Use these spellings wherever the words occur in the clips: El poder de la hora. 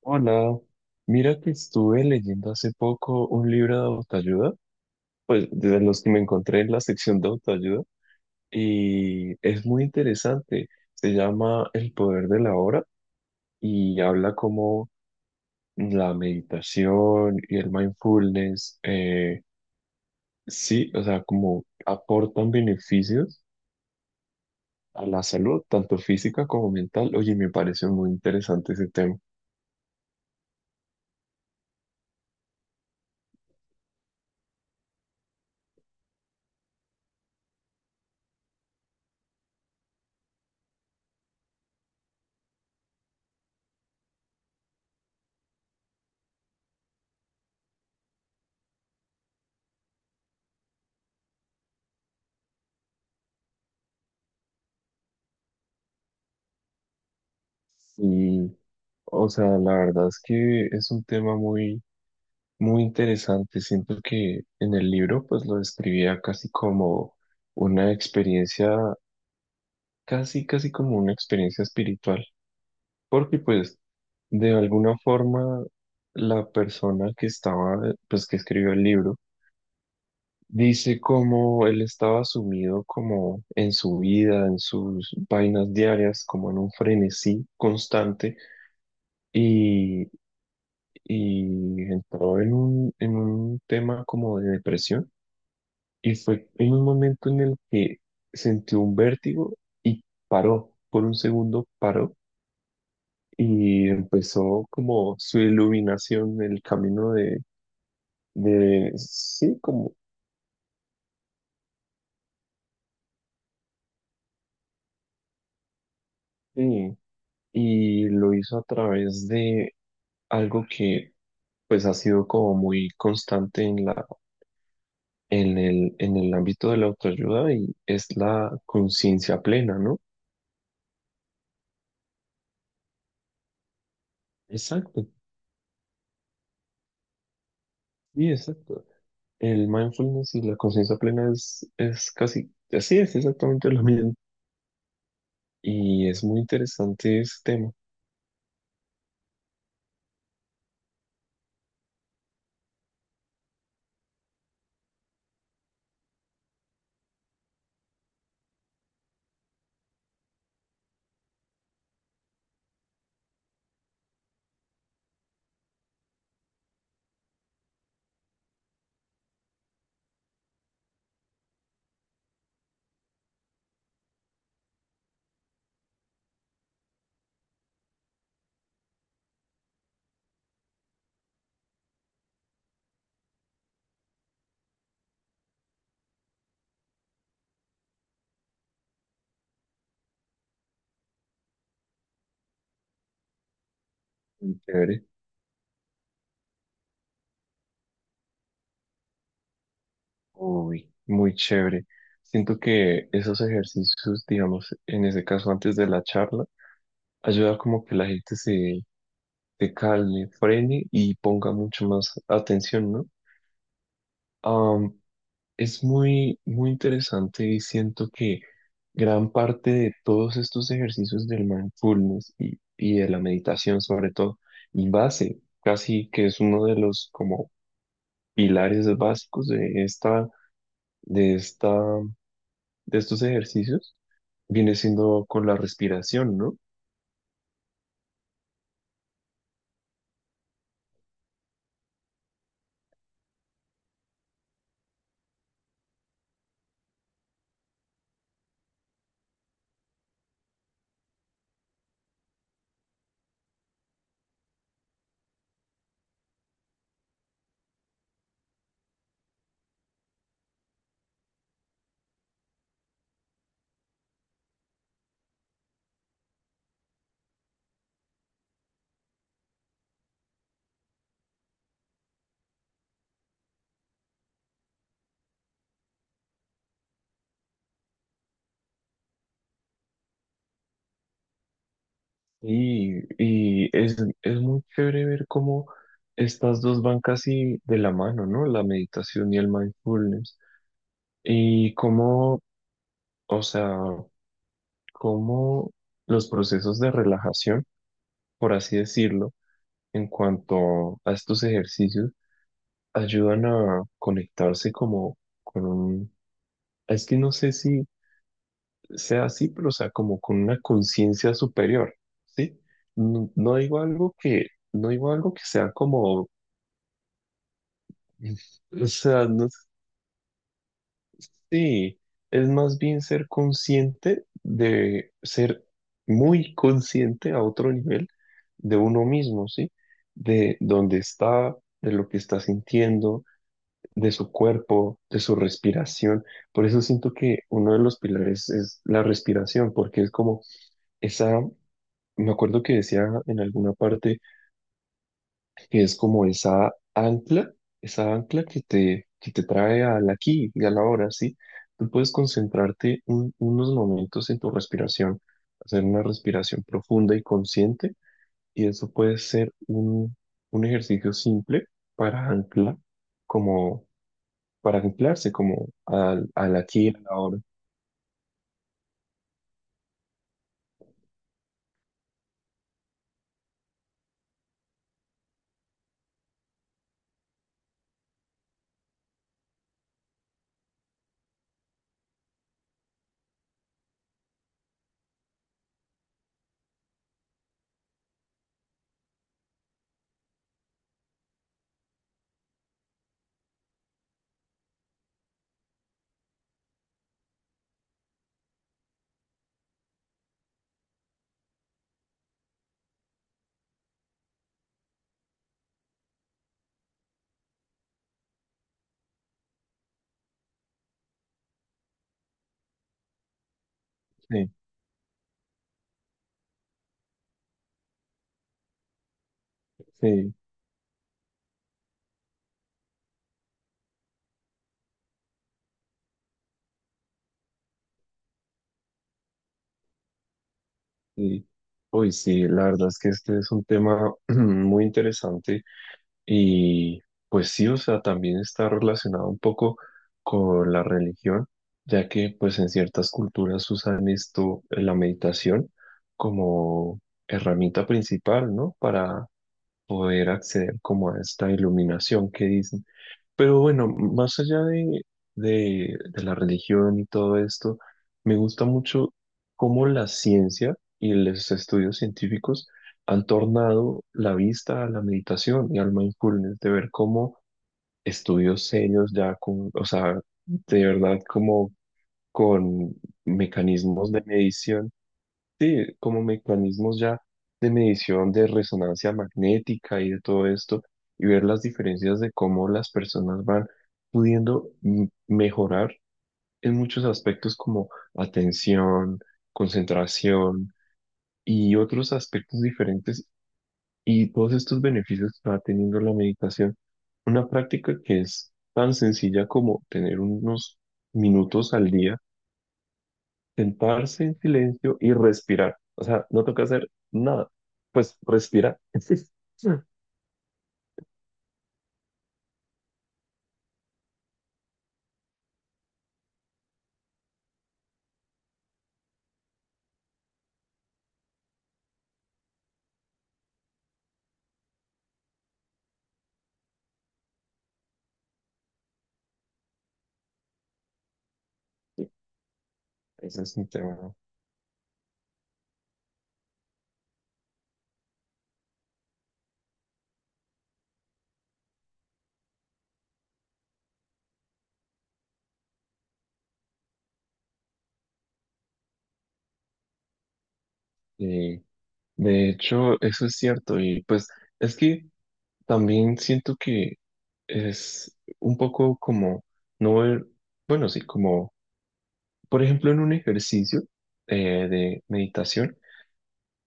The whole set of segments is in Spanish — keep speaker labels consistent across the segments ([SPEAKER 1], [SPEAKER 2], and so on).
[SPEAKER 1] Hola, mira que estuve leyendo hace poco un libro de autoayuda, pues de los que me encontré en la sección de autoayuda, y es muy interesante. Se llama El poder de la hora y habla como la meditación y el mindfulness, sí, o sea, como aportan beneficios a la salud, tanto física como mental. Oye, me pareció muy interesante ese tema. Y, o sea, la verdad es que es un tema muy interesante, siento que en el libro pues lo describía casi como una experiencia, casi casi como una experiencia espiritual, porque pues de alguna forma la persona que estaba, pues que escribió el libro, dice como él estaba sumido como en su vida, en sus vainas diarias, como en un frenesí constante y, y entró en un tema como de depresión. Y fue en un momento en el que sintió un vértigo y paró, por un segundo paró y empezó como su iluminación, el camino de sí, como, sí, y lo hizo a través de algo que pues ha sido como muy constante en el ámbito de la autoayuda y es la conciencia plena, ¿no? Exacto, sí, exacto. El mindfulness y la conciencia plena es casi, así es exactamente lo mismo. Y es muy interesante ese tema. Muy chévere. Uy, muy chévere. Siento que esos ejercicios, digamos, en ese caso antes de la charla, ayuda como que la gente se calme, frene y ponga mucho más atención, ¿no? Am, Es muy, muy interesante y siento que gran parte de todos estos ejercicios del mindfulness y de la meditación sobre todo, y base, casi que es uno de los como pilares básicos de de esta, estos ejercicios, viene siendo con la respiración, ¿no? Y, y es muy chévere ver cómo estas dos van casi de la mano, ¿no? La meditación y el mindfulness. Y cómo O sea, cómo los procesos de relajación, por así decirlo, en cuanto a estos ejercicios, ayudan a conectarse como con un, es que no sé si sea así, pero o sea, como con una conciencia superior, ¿sí? No, no digo algo que sea como, o sea, no. Sí, es más bien ser consciente de ser muy consciente a otro nivel de uno mismo, ¿sí? De dónde está, de lo que está sintiendo, de su cuerpo, de su respiración. Por eso siento que uno de los pilares es la respiración, porque es como esa, me acuerdo que decía en alguna parte que es como esa ancla que te trae al aquí y a la hora, ¿sí? Tú puedes concentrarte unos momentos en tu respiración, hacer una respiración profunda y consciente, y eso puede ser un ejercicio simple para anclar, como para anclarse como al aquí y a la hora. Sí, sí, sí. Uy, sí, la verdad es que este es un tema muy interesante. Y pues sí, o sea, también está relacionado un poco con la religión, ya que pues en ciertas culturas usan esto, la meditación, como herramienta principal, ¿no? Para poder acceder como a esta iluminación que dicen. Pero bueno, más allá de, de la religión y todo esto, me gusta mucho cómo la ciencia y los estudios científicos han tornado la vista a la meditación y al mindfulness, de ver cómo estudios serios ya con, o sea, de verdad como con mecanismos de medición. Sí, como mecanismos ya de medición de resonancia magnética y de todo esto, y ver las diferencias de cómo las personas van pudiendo mejorar en muchos aspectos como atención, concentración y otros aspectos diferentes, y todos estos beneficios que va teniendo la meditación. Una práctica que es tan sencilla como tener unos minutos al día sentarse en silencio y respirar. O sea, no toca hacer nada. Pues respirar. Ese es un tema, ¿no? Y de hecho, eso es cierto. Y pues es que también siento que es un poco como no ver, bueno, sí, como, por ejemplo, en un ejercicio de meditación,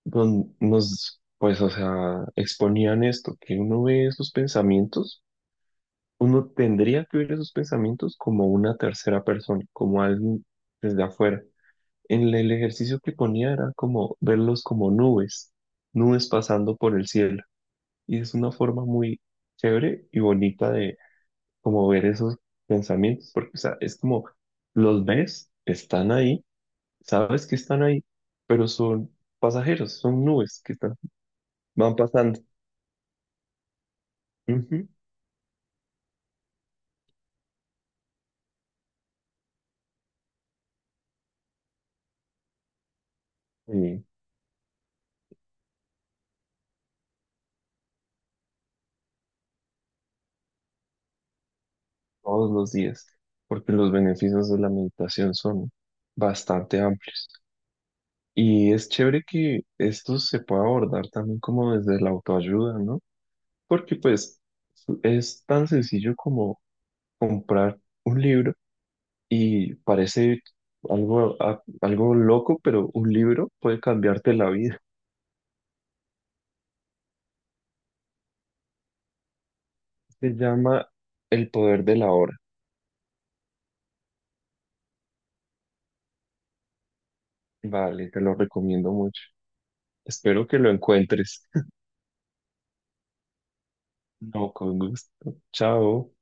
[SPEAKER 1] donde nos, pues, o sea, exponían esto, que uno ve esos pensamientos, uno tendría que ver esos pensamientos como una tercera persona, como alguien desde afuera. En el ejercicio que ponía era como verlos como nubes, nubes pasando por el cielo. Y es una forma muy chévere y bonita de como ver esos pensamientos, porque o sea, es como los ves, están ahí, sabes que están ahí, pero son pasajeros, son nubes que están, van pasando. Ujú. Sí. Todos los días, porque los beneficios de la meditación son bastante amplios. Y es chévere que esto se pueda abordar también como desde la autoayuda, ¿no? Porque pues es tan sencillo como comprar un libro y parece algo, algo loco, pero un libro puede cambiarte la vida. Se llama El poder de la hora. Vale, te lo recomiendo mucho. Espero que lo encuentres. No, con gusto. Chao.